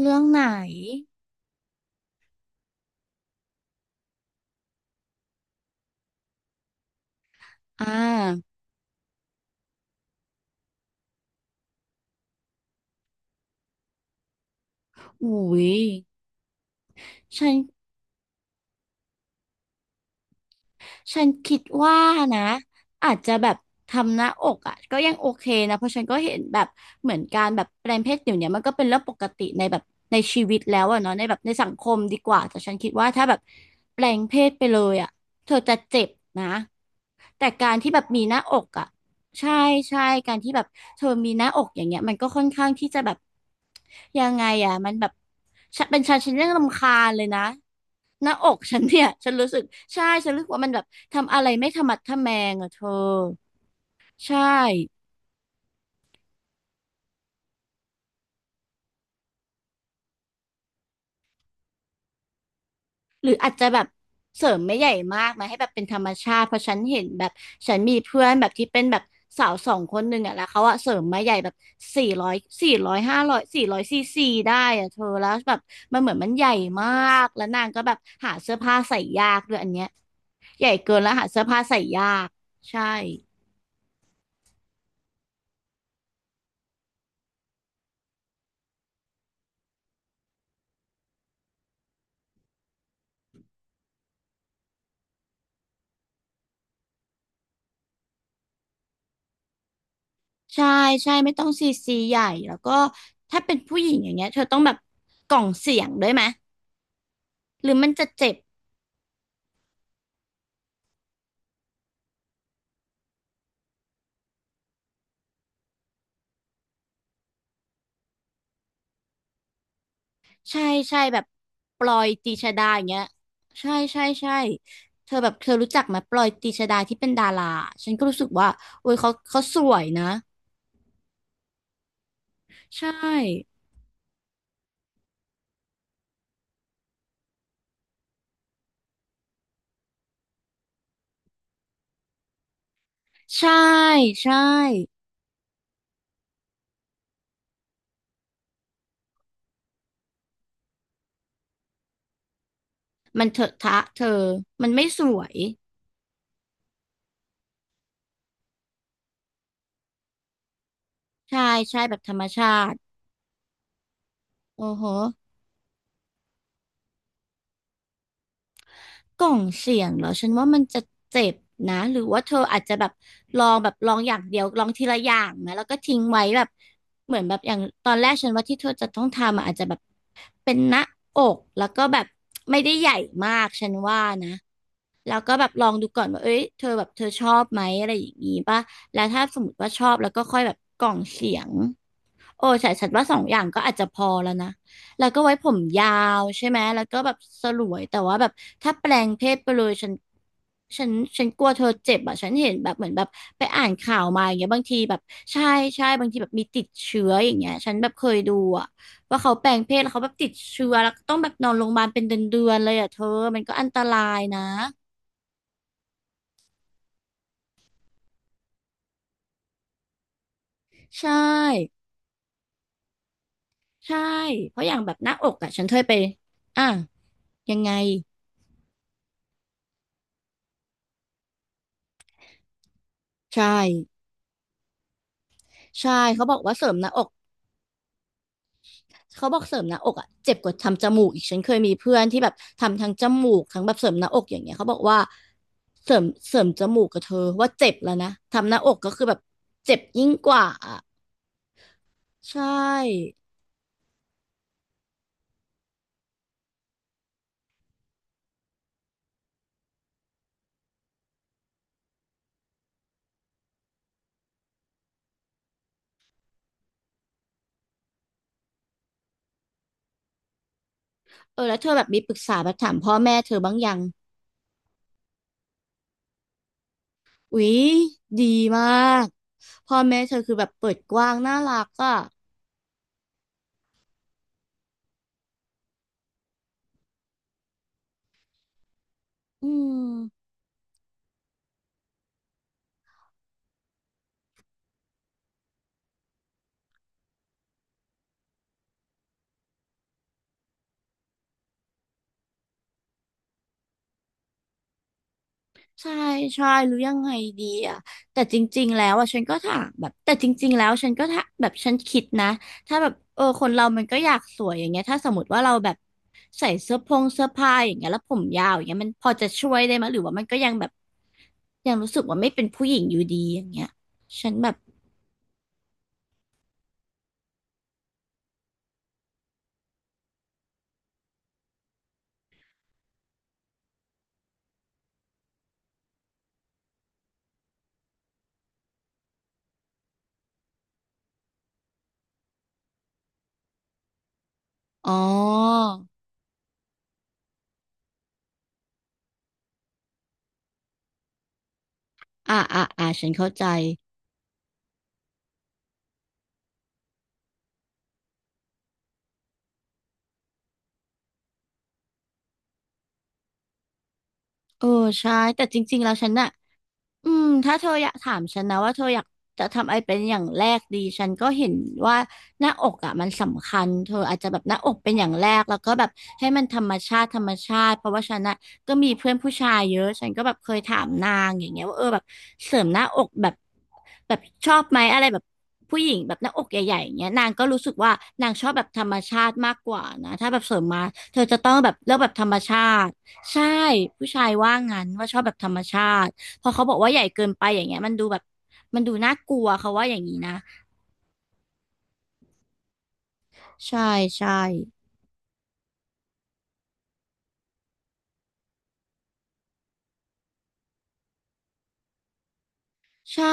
เรื่องไหนอ่าอุ้ยฉัน ฉันคิดว่านะอาจจะแบบทำหน้าอกอ่ะก็ยังโอเคนะเพราะฉันก็เห็นแบบเหมือนการแบบแปลงเพศเดี๋ยวนี้มันก็เป็นเรื่องปกติในแบบในชีวิตแล้วอะเนาะในแบบในสังคมดีกว่าแต่ฉันคิดว่าถ้าแบบแปลงเพศไปเลยอ่ะเธอจะเจ็บนะแต่การที่แบบมีหน้าอกอ่ะใช่ใช่การที่แบบเธอมีหน้าอกอย่างเงี้ยมันก็ค่อนข้างที่จะแบบยังไงอ่ะมันแบบฉันเป็นฉันยังรำคาญเลยนะหน้าอกฉันเนี่ยฉันรู้สึกใช่ฉันรู้สึกว่ามันแบบ ทำอะไรไม่ทะมัดทะแมงอ่ะเธอใช่หรืออาจจะแบบเสริมไม่ใหญ่มากนะให้แบบเป็นธรรมชาติเพราะฉันเห็นแบบฉันมีเพื่อนแบบที่เป็นแบบสาวสองคนหนึ่งอ่ะแล้วเขาอะเสริมมาใหญ่แบบ400 400 500 400 ccได้อ่ะเธอแล้วแบบมันเหมือนมันใหญ่มากแล้วนางก็แบบหาเสื้อผ้าใส่ยากด้วยอันเนี้ยใหญ่เกินแล้วหาเสื้อผ้าใส่ยากใช่ใช่ใช่ไม่ต้องซีซีใหญ่แล้วก็ถ้าเป็นผู้หญิงอย่างเงี้ยเธอต้องแบบกล่องเสียงด้วยไหม หรือมันจะเจ็บใช่ใช่แบบปลอยตีชดาอย่างเงี้ยใช่ใช่ใช่เธอแบบเธอรู้จักไหมปลอยตีชดาที่เป็นดาราฉันก็รู้สึกว่าโอ้ยเขาสวยนะใช่ใช่ใช่มันเถอะทะเธอมันไม่สวยใช่ใช่แบบธรรมชาติโอ้โห กล่องเสียงเหรอฉันว่ามันจะเจ็บนะหรือว่าเธออาจจะแบบลองอย่างเดียวลองทีละอย่างไหมแล้วก็ทิ้งไว้แบบเหมือนแบบอย่างตอนแรกฉันว่าที่เธอจะต้องทำอะอาจจะแบบเป็นหน้าอกแล้วก็แบบไม่ได้ใหญ่มากฉันว่านะแล้วก็แบบลองดูก่อนว่าเอ้ยเธอแบบเธอชอบไหมอะไรอย่างงี้ป่ะแล้วถ้าสมมติว่าชอบแล้วก็ค่อยแบบกล่องเสียง โอ้ใช่ฉันว่าสองอย่างก็อาจจะพอแล้วนะแล้วก็ไว้ผมยาวใช่ไหมแล้วก็แบบสลวยแต่ว่าแบบถ้าแปลงเพศไปเลยฉันฉันกลัวเธอเจ็บอ่ะฉันเห็นแบบเหมือนแบบไปอ่านข่าวมาอย่างเงี้ยบางทีแบบใช่ใช่บางทีแบบมีติดเชื้ออย่างเงี้ยฉันแบบเคยดูอ่ะว่าเขาแปลงเพศแล้วเขาแบบติดเชื้อแล้วก็ต้องแบบนอนโรงพยาบาลเป็นเดือนๆเลยอ่ะเธอมันก็อันตรายนะ ใช่ใช่เพราะอย่างแบบหน้าอกอ่ะฉันเคยไป อ่ะยังไงใช่ ใช่เขาบอกว่าเสริมหน้าอกเขาบอกเสริมหน้าอกอ่ะเจ็บกว่าทำจมูกอีกฉันเคยมีเพื่อนที่แบบทำทั้งจมูกทั้งแบบเสริมหน้าอกอย่างเงี้ยเขาบอกว่าเสริมจมูกกับเธอว่าเจ็บแล้วนะทำหน้าอกก็คือแบบเจ็บยิ่งกว่าอะใช่เออแล้วเธอแบบมีปรึกษาแบบถามพ่อแม่เธอบ้างยังอุ๊ยดีมากพ่อแม่เธอคือแบบเปิดกว้างน่ารักอ่ะอืม ใช่ใช่หรือยังไงดีอ่ะแต่จริงๆแล้วอ่ะฉันก็ถามแบบแต่จริงๆแล้วฉันก็ถามแบบฉันคิดนะถ้าแบบเออคนเรามันก็อยากสวยอย่างเงี้ยถ้าสมมติว่าเราแบบใส่เสื้อพงเสื้อผ้าอย่างเงี้ยแล้วผมยาวอย่างเงี้ยมันพอจะช่วยได้ไหมหรือว่ามันก็ยังแบบยังรู้สึกว่าไม่เป็นผู้หญิงอยู่ดีอย่างเงี้ยฉันแบบอ๋ออ่าอ่าอ่าฉันเข้าใจเออใช่แต่จริงๆแล้วฉันน่ะ อืมถ้าเธออยากถามฉันนะว่าเธออยากจะทำอะไรเป็นอย่างแรกดีฉันก็เห็นว่าหน้าอกอ่ะมันสำคัญเธออาจจะแบบหน้าอกเป็นอย่างแรกแล้วก็แบบให้มันธรรมชาติธรรมชาติเพราะว่าฉันอ่ะก็มีเพื่อนผู้ชายเยอะฉันก็แบบเคยถามนางอย่างเงี้ยว่าเออแบบเสริมหน้าอกแบบชอบไหมอะไรแบบผู้หญิงแบบหน้าอกใหญ่ๆอย่างเงี้ยนางก็รู้สึกว่านางชอบแบบธรรมชาติมากกว่านะถ้าแบบเสริมมาเธอจะต้องแบบเลือกแบบธรรมชาติใช่ผู้ชายว่างั้นว่าชอบแบบธรรมชาติ พอเขาบอกว่าใหญ่เกินไปอย่างเงี้ยมันดูแบบมันดูน่ากลัวเขาว่าอย่างนี้นะใช่ใช่ใช่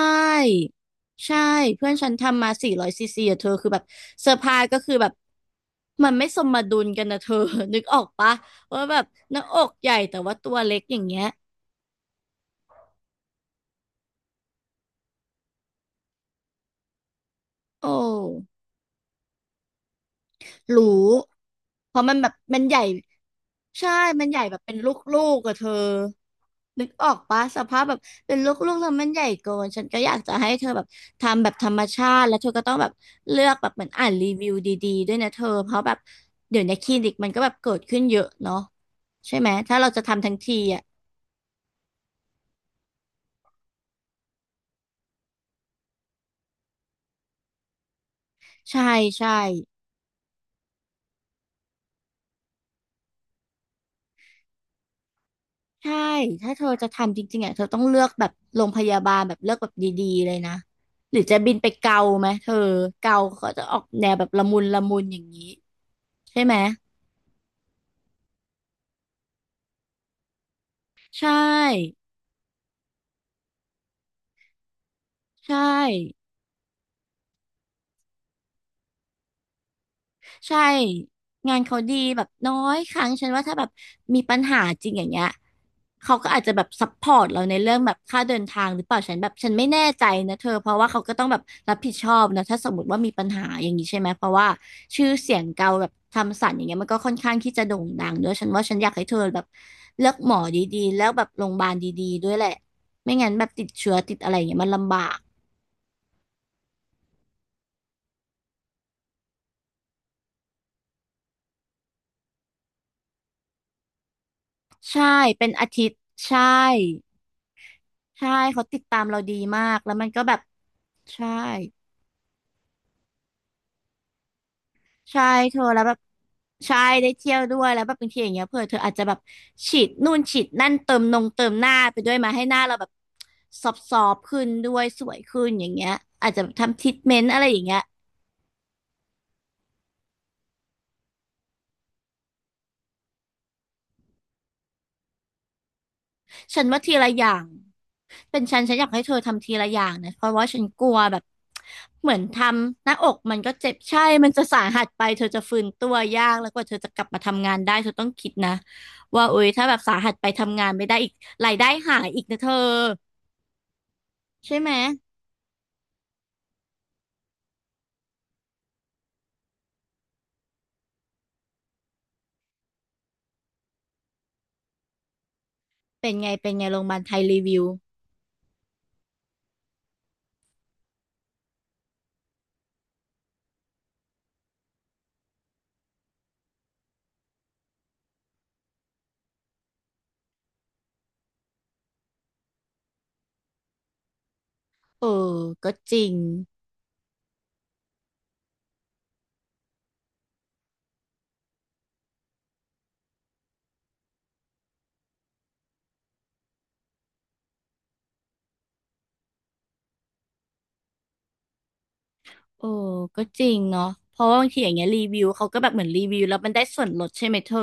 ใช่เพื่อนฉันทำมาสี่ร้อยซีซีอะเธอคือแบบเซอร์ไพรส์ก็คือแบบมันไม่สมดุลกันนะเธอ นึกออกปะว่าแบบหน้าอกใหญ่แต่ว่าตัวเล็กอย่างเงี้ยโอ้ รู้เพราะมันแบบมันใหญ่ใช่มันใหญ่แบบเป็นลูกๆกับเธอนึกออกปะสภาพแบบเป็นลูกๆแล้วมันใหญ่เกินฉันก็อยากจะให้เธอแบบทำแบบธรรมชาติแล้วเธอก็ต้องแบบเลือกแบบเหมือนอ่านรีวิวดีๆด้วยนะเธอเพราะแบบเดี๋ยวในคลินิกมันก็แบบเกิดขึ้นเยอะเนาะใช่ไหมถ้าเราจะทำทั้งทีอ่ะใช่ใช่ ใช่ ถ้าเธอจะทำจริงๆอ่ะเธอต้องเลือกแบบโรงพยาบาลแบบเลือกแบบดีๆเลยนะ หรือจะบินไปเกาไหมเธอเกาเขาจะออกแนวแบบละมุนละมุนอย่างนี้ใช่ไหม ใช่ ใช่ ใช่งานเขาดีแบบน้อยครั้งฉันว่าถ้าแบบมีปัญหาจริงอย่างเงี้ยเขาก็อาจจะแบบซัพพอร์ตเราในเรื่องแบบค่าเดินทางหรือเปล่าฉันแบบฉันไม่แน่ใจนะเธอเพราะว่าเขาก็ต้องแบบรับผิดชอบนะถ้าสมมติว่ามีปัญหาอย่างนี้ใช่ไหมเพราะว่าชื่อเสียงเกาแบบทำสันอย่างเงี้ยมันก็ค่อนข้างที่จะโด่งดังด้วยฉันว่าฉันอยากให้เธอแบบเลือกหมอดีๆแล้วแบบโรงพยาบาลดีๆด้วยแหละไม่งั้นแบบติดเชื้อติดอะไรอย่างเงี้ยมันลำบากใช่เป็นอาทิตย์ใช่ใช่เขาติดตามเราดีมากแล้วมันก็แบบ ใช่ ใช่เธอแล้วแบบใช่ได้เที่ยวด้วยแล้วแบบบางทีอย่างเงี้ยเผื่อเธออาจจะแบบฉีดนู่นฉีดนั่นเติมนงเติมหน้าไปด้วยมาให้หน้าเราแบบซอบๆขึ้นด้วยสวยขึ้นอย่างเงี้ยอาจจะทำทรีทเมนต์อะไรอย่างเงี้ย ฉันว่าทีละอย่างเป็นฉันฉันอยากให้เธอทำทีละอย่างนะเพราะว่าฉันกลัวแบบเหมือนทำหน้าอกมันก็เจ็บใช่มันจะสาหัสไปเธอจะฟื้นตัวยากแล้วกว่าเธอจะกลับมาทำงานได้เธอต้องคิดนะว่าโอ๊ยถ้าแบบสาหัสไปทำงานไม่ได้อีกรายได้หายอีกนะเธอใช่ไหมเป็นไงเป็นไงโรงพยาบาลไทยรีวิวเออก็จริงโอ้ก็จริงเนาะเพราะว่าบางทีอย่างเงี้ยรีวิวเขาก็แบบเหมือนรีวิวแล้วมันได้ส่วนลดใช่ไหมเธอ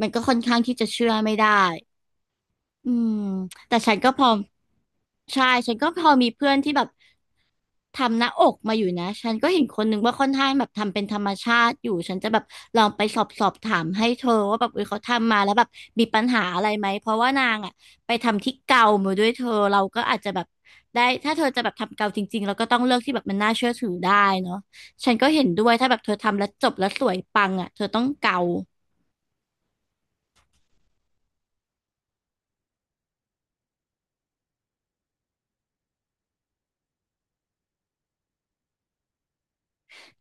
มันก็ค่อนข้างที่จะเชื่อไม่ได้ อืมแต่ฉันก็พอใช่ฉันก็พอมีเพื่อนที่แบบทำหน้าอกมาอยู่นะฉันก็เห็นคนหนึ่งว่าค่อนข้างแบบทำเป็นธรรมชาติอยู่ฉันจะแบบลองไปสอบถามให้เธอว่าแบบเออเขาทำมาแล้วแบบมีปัญหาอะไรไหมเพราะว่านางอ่ะไปทำที่เกามาด้วยเธอเราก็อาจจะแบบได้ถ้าเธอจะแบบทำเกาจริงๆเราก็ต้องเลือกที่แบบมันน่าเชื่อถือได้เนาะฉันก็เห็นด้วยถ้าแบบเธอทำแล้วจบแล้วสวยปังอ่ะเธอต้องเกา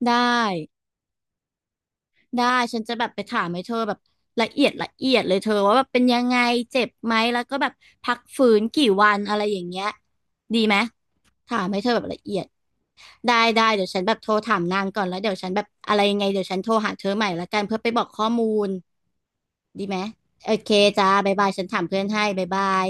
ได้ ได้ฉันจะแบบไปถามให้เธอแบบละเอียดละเอียดเลยเธอว่าแบบเป็นยังไงเจ็บไหมแล้วก็แบบพักฟื้นกี่วันอะไรอย่างเงี้ยดีไหมถามให้เธอแบบละเอียดได้ได้เดี๋ยวฉันแบบโทรถามนางก่อนแล้วเดี๋ยวฉันแบบอะไรยังไงเดี๋ยวฉันโทรหาเธอใหม่ละกันเพื่อไปบอกข้อมูลดีไหมโอเคจ้าบ๊ายบายฉันถามเพื่อนให้บ๊ายบาย